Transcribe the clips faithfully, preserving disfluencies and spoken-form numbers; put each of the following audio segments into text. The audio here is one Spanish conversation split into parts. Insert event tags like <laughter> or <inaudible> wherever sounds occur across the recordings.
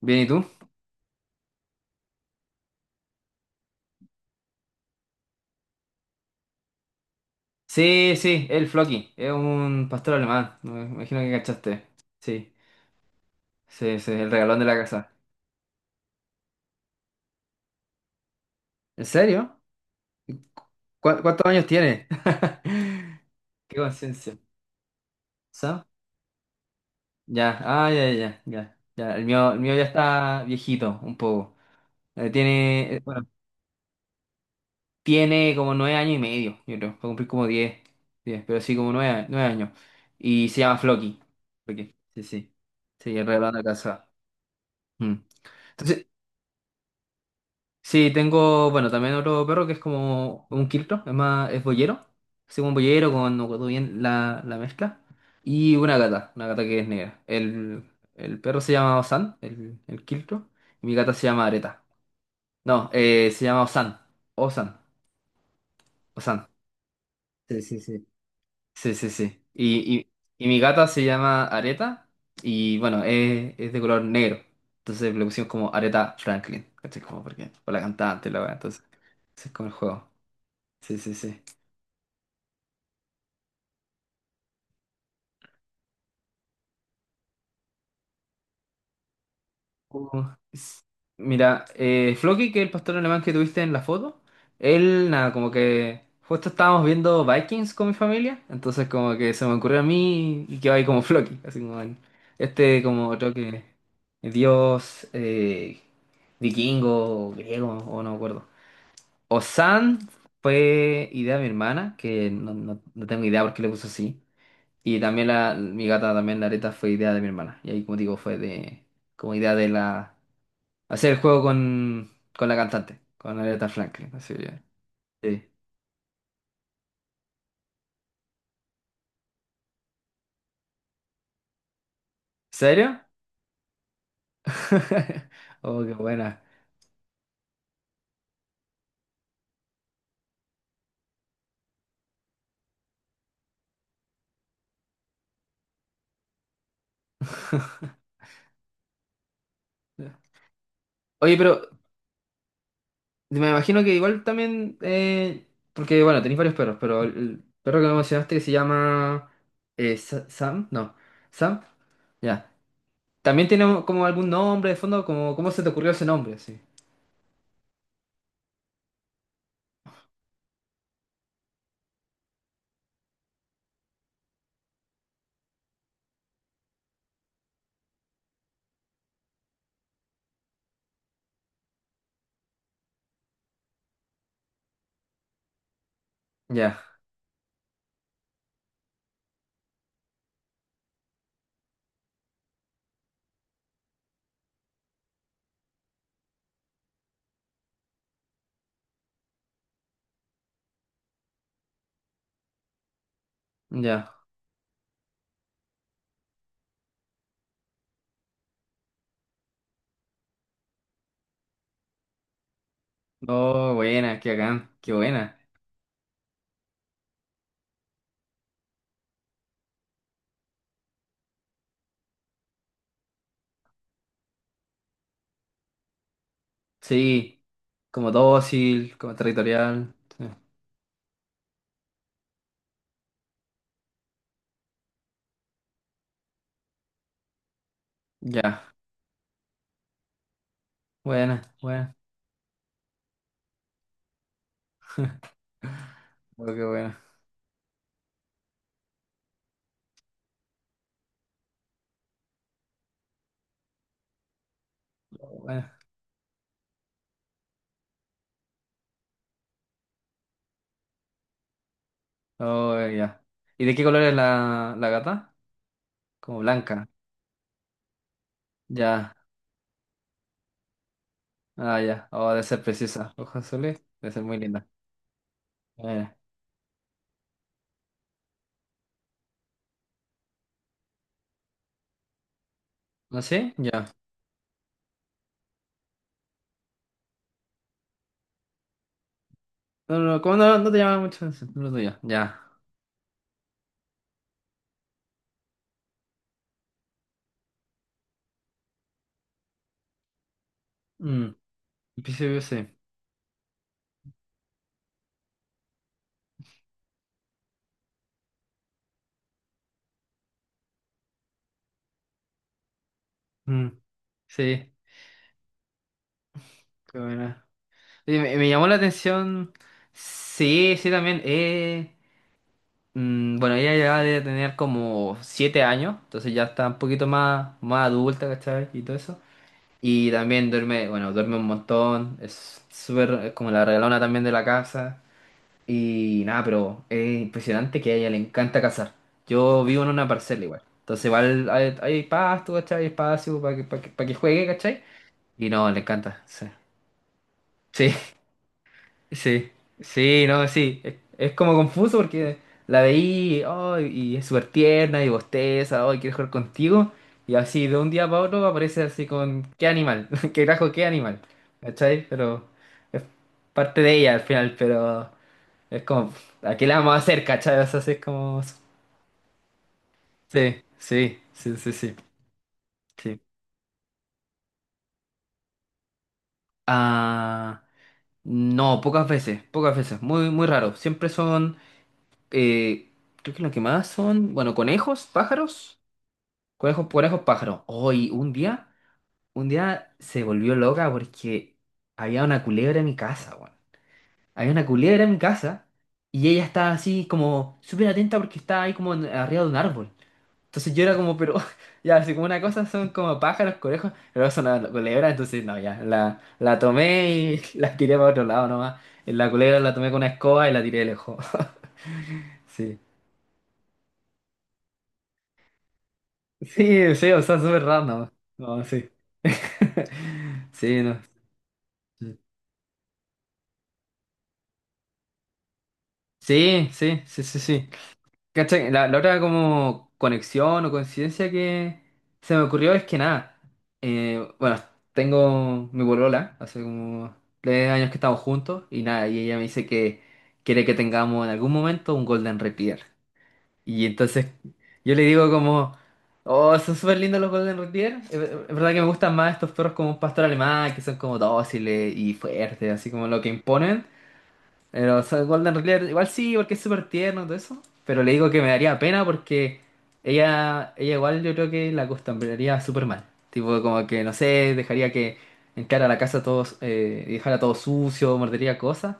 Bien, ¿y tú? Sí, sí, el Floki, es un pastor alemán, me imagino que cachaste. Sí, sí, sí, el regalón de la casa. ¿En serio? ¿Cu- cuántos años tiene? <laughs> Qué conciencia. ¿Sam? Ya, ah, ya, ya, ya, ya. El mío, el mío ya está viejito, un poco. Eh, tiene, eh, bueno, tiene como nueve años y medio, yo creo. Va a cumplir como diez, diez, pero sí, como nueve, a- nueve años. Y se llama Floki. Floki. Sí, sí. Sí, el regalón de la casa. Mm. Entonces, sí, tengo, bueno, también otro perro que es como un quiltro, es más, es boyero, así como un boyero con, no recuerdo bien la, la mezcla, y una gata, una gata que es negra. El, el perro se llama Osan, el, el quiltro, y mi gata se llama Areta. No, eh, se llama Osan, Osan, Osan. Sí, sí, sí. Sí, sí, sí. Y, y, y mi gata se llama Areta y bueno, es, es de color negro. Entonces le pusimos como Areta Franklin. ¿Cachai? Como porque, por la cantante, la verdad. Entonces, ese es como el juego. Sí, sí, sí. Uh, s- Mira, eh, Floki, que es el pastor alemán que tuviste en la foto, él, nada, como que justo estábamos viendo Vikings con mi familia, entonces como que se me ocurrió a mí y quedó ahí como Floki, así como el- este como otro que dios, eh, vikingo, o griego, o no me acuerdo. Osan fue idea de mi hermana, que no, no- no tengo idea por qué le puso así. Y también la, mi gata, también la Areta, fue idea de mi hermana. Y ahí, como digo, fue de, como idea de la, hacer el juego con, con la cantante, con Aretha Franklin. Así que, sí. ¿En ¿Serio? <laughs> Oh, qué buena. <laughs> Oye, pero me imagino que igual también, eh, porque bueno, tenéis varios perros, pero el, el perro que me mencionaste que se llama eh, Sa- Sam, no, Sam, ya. ¿También tiene como algún nombre de fondo? Como, ¿cómo se te ocurrió ese nombre? Sí. Ya, ya. No, buena, qué bacán, qué buena. Sí, como dócil, como territorial. Sí. Ya, buena, buena. Oh, qué buena. Oh, buena. Oh, ya. ¿Y de qué color es la, la gata? Como blanca. Ya, ah, ya. Oh, debe ser preciosa. Ojos azules, debe ser muy linda. Buena. ¿No sé? Ya. No, no, ¿cómo no, no te llama mucho la atención? No lo tuyo. Ya. Mm. Empiezo yo, sí. Mm. Sí, qué buena. Oye, me, me llamó la atención. Sí, sí, también. Eh. Mm, bueno, ella ya debe tener como siete años, entonces ya está un poquito más, más adulta, ¿cachai? Y todo eso. Y también duerme, bueno, duerme un montón, es súper, es como la regalona también de la casa. Y nada, pero es impresionante que a ella le encanta cazar. Yo vivo en una parcela igual, entonces igual hay, hay pasto, ¿cachai? Hay espacio para que, para que, pa' que juegue, ¿cachai? Y no, le encanta, sí. Sí, sí, sí, no, sí. Es, es como confuso porque la veí, oh, y es súper tierna y bosteza, oh, y quiere jugar contigo. Y así de un día para otro aparece así con qué animal, <laughs> qué grajo, qué animal. ¿Cachai? Pero es parte de ella al final, pero es como, ¿a qué le vamos a hacer, cachai? O sea, sí, es como. Sí, sí, sí, sí, sí. Sí. Ah, no, pocas veces, pocas veces, muy, muy raro. Siempre son. Eh, creo que lo que más son, bueno, conejos, pájaros, conejos, conejos, pájaros. Hoy, un día, un día se volvió loca porque había una culebra en mi casa, weón. Había una culebra en mi casa y ella estaba así como súper atenta porque estaba ahí como en- arriba de un árbol. Entonces yo era como, pero <laughs> ya, así como una cosa son como pájaros, conejos, pero son una culebra, entonces no, ya, la, la tomé y <laughs> la tiré para otro lado nomás. La culebra la tomé con una escoba y la tiré lejos. <laughs> Sí. Sí, sí, o sea, súper random. No, sí. <laughs> Sí, no. Sí, sí, sí, sí, sí. ¿Cachai? La, la otra como conexión o coincidencia que se me ocurrió es que nada. eh, bueno, tengo mi polola, hace como tres años que estamos juntos y nada, y ella me dice que quiere que tengamos en algún momento un Golden Retriever. Y entonces yo le digo como, oh, son súper lindos los Golden Retriever. Es ver- es verdad que me gustan más estos perros como un pastor alemán, que son como dóciles y fuertes, así como lo que imponen. Pero son Golden Retriever, igual sí, porque es súper tierno y todo eso. Pero le digo que me daría pena porque ella, ella igual yo creo que la acostumbraría súper mal. Tipo como que, no sé, dejaría que entrara a la casa todos, eh, y dejara todo sucio, mordería cosas.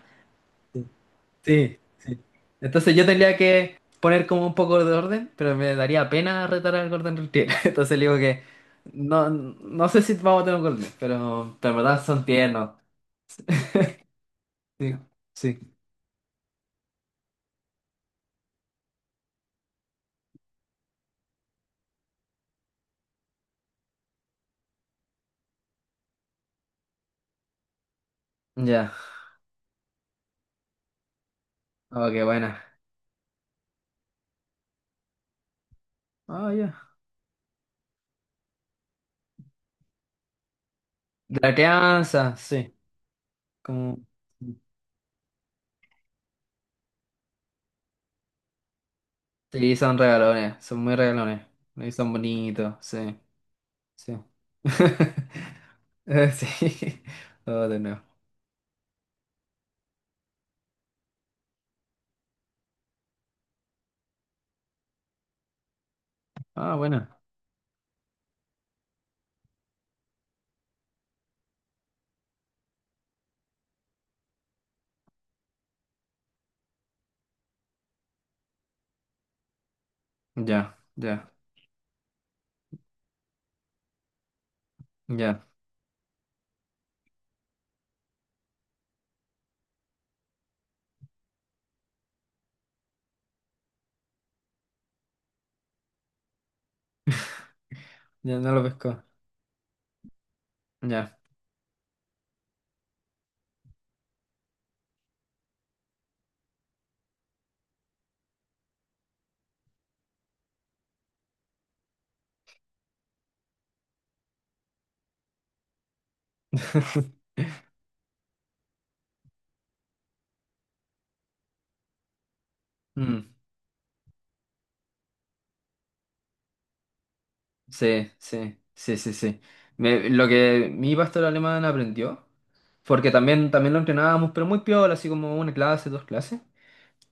Sí, sí. Entonces yo tendría que poner como un poco de orden, pero me daría pena retar al Gordon Retriever. <laughs> Entonces le digo que no, no sé si vamos a tener un Golden, pero, pero en verdad son tiernos. Sí, sí. Ya. Oh, qué buena. Ah, ya. De la crianza, sí. Como... Sí, son regalones, son muy regalones. Y son bonitos, sí, sí. <laughs> Eh, Sí. Oh, de nuevo. Ah, bueno. Ya, ya, ya. Ya no lo pesco. Ya. <laughs> Mm, sí, sí, sí, sí, sí. Me- lo que mi pastor alemán aprendió, porque también, también lo entrenábamos, pero muy piola, así como una clase, dos clases.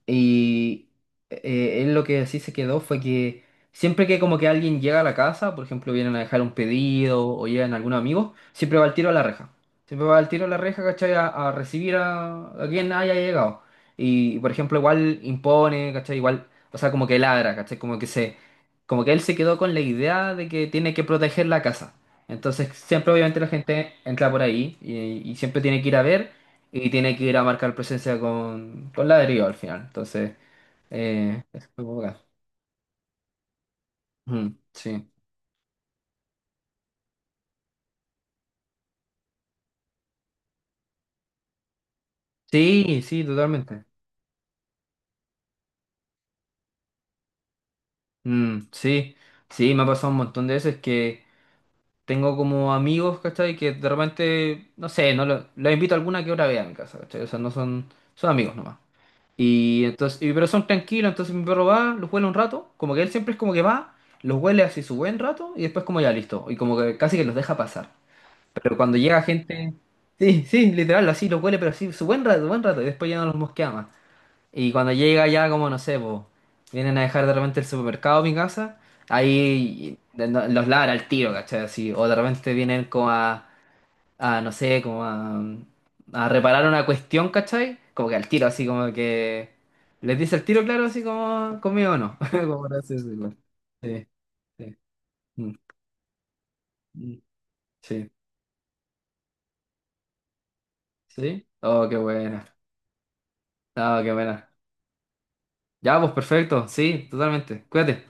Y, eh, él lo que así se quedó fue que siempre que como que alguien llega a la casa, por ejemplo, vienen a dejar un pedido o llegan algunos amigos, siempre va al tiro a la reja. Siempre va al tiro a la reja, ¿cachai? A, a recibir a, a quien haya llegado. Y, por ejemplo, igual impone, ¿cachai? Igual, o sea, como que ladra, ¿cachai? Como que se, como que él se quedó con la idea de que tiene que proteger la casa. Entonces, siempre obviamente la gente entra por ahí y, y siempre tiene que ir a ver y tiene que ir a marcar presencia con, con, ladrillo al final. Entonces, eh, es muy complicado. Mm, sí. Sí, sí, totalmente. Mm, sí, sí, me ha pasado un montón de veces que tengo como amigos, ¿cachai? Que de repente, no sé, no lo- los invito a alguna que otra vez a mi casa, ¿cachai? O sea, no son, son amigos nomás. Y entonces, y- pero son tranquilos, entonces mi perro va, los huele un rato, como que él siempre es como que va, los huele así su buen rato y después como ya listo, y como que casi que los deja pasar. Pero cuando llega gente, sí, sí, literal, así lo huele, pero así, su buen rato, buen rato, y después ya no los mosquea más. Y cuando llega ya, como no sé, po, vienen a dejar de repente el supermercado a mi casa, ahí de- no- los ladra al tiro, ¿cachai? Así, o de repente vienen como a, a, no sé, como a, a reparar una cuestión, ¿cachai? Como que al tiro, así como que les dice al tiro, claro, así como conmigo no. <laughs> Como para así decirlo. Sí, sí. Mm, mm. Sí, sí. Oh, qué buena. Oh, qué buena. Ya, pues perfecto, sí, totalmente. Cuídate.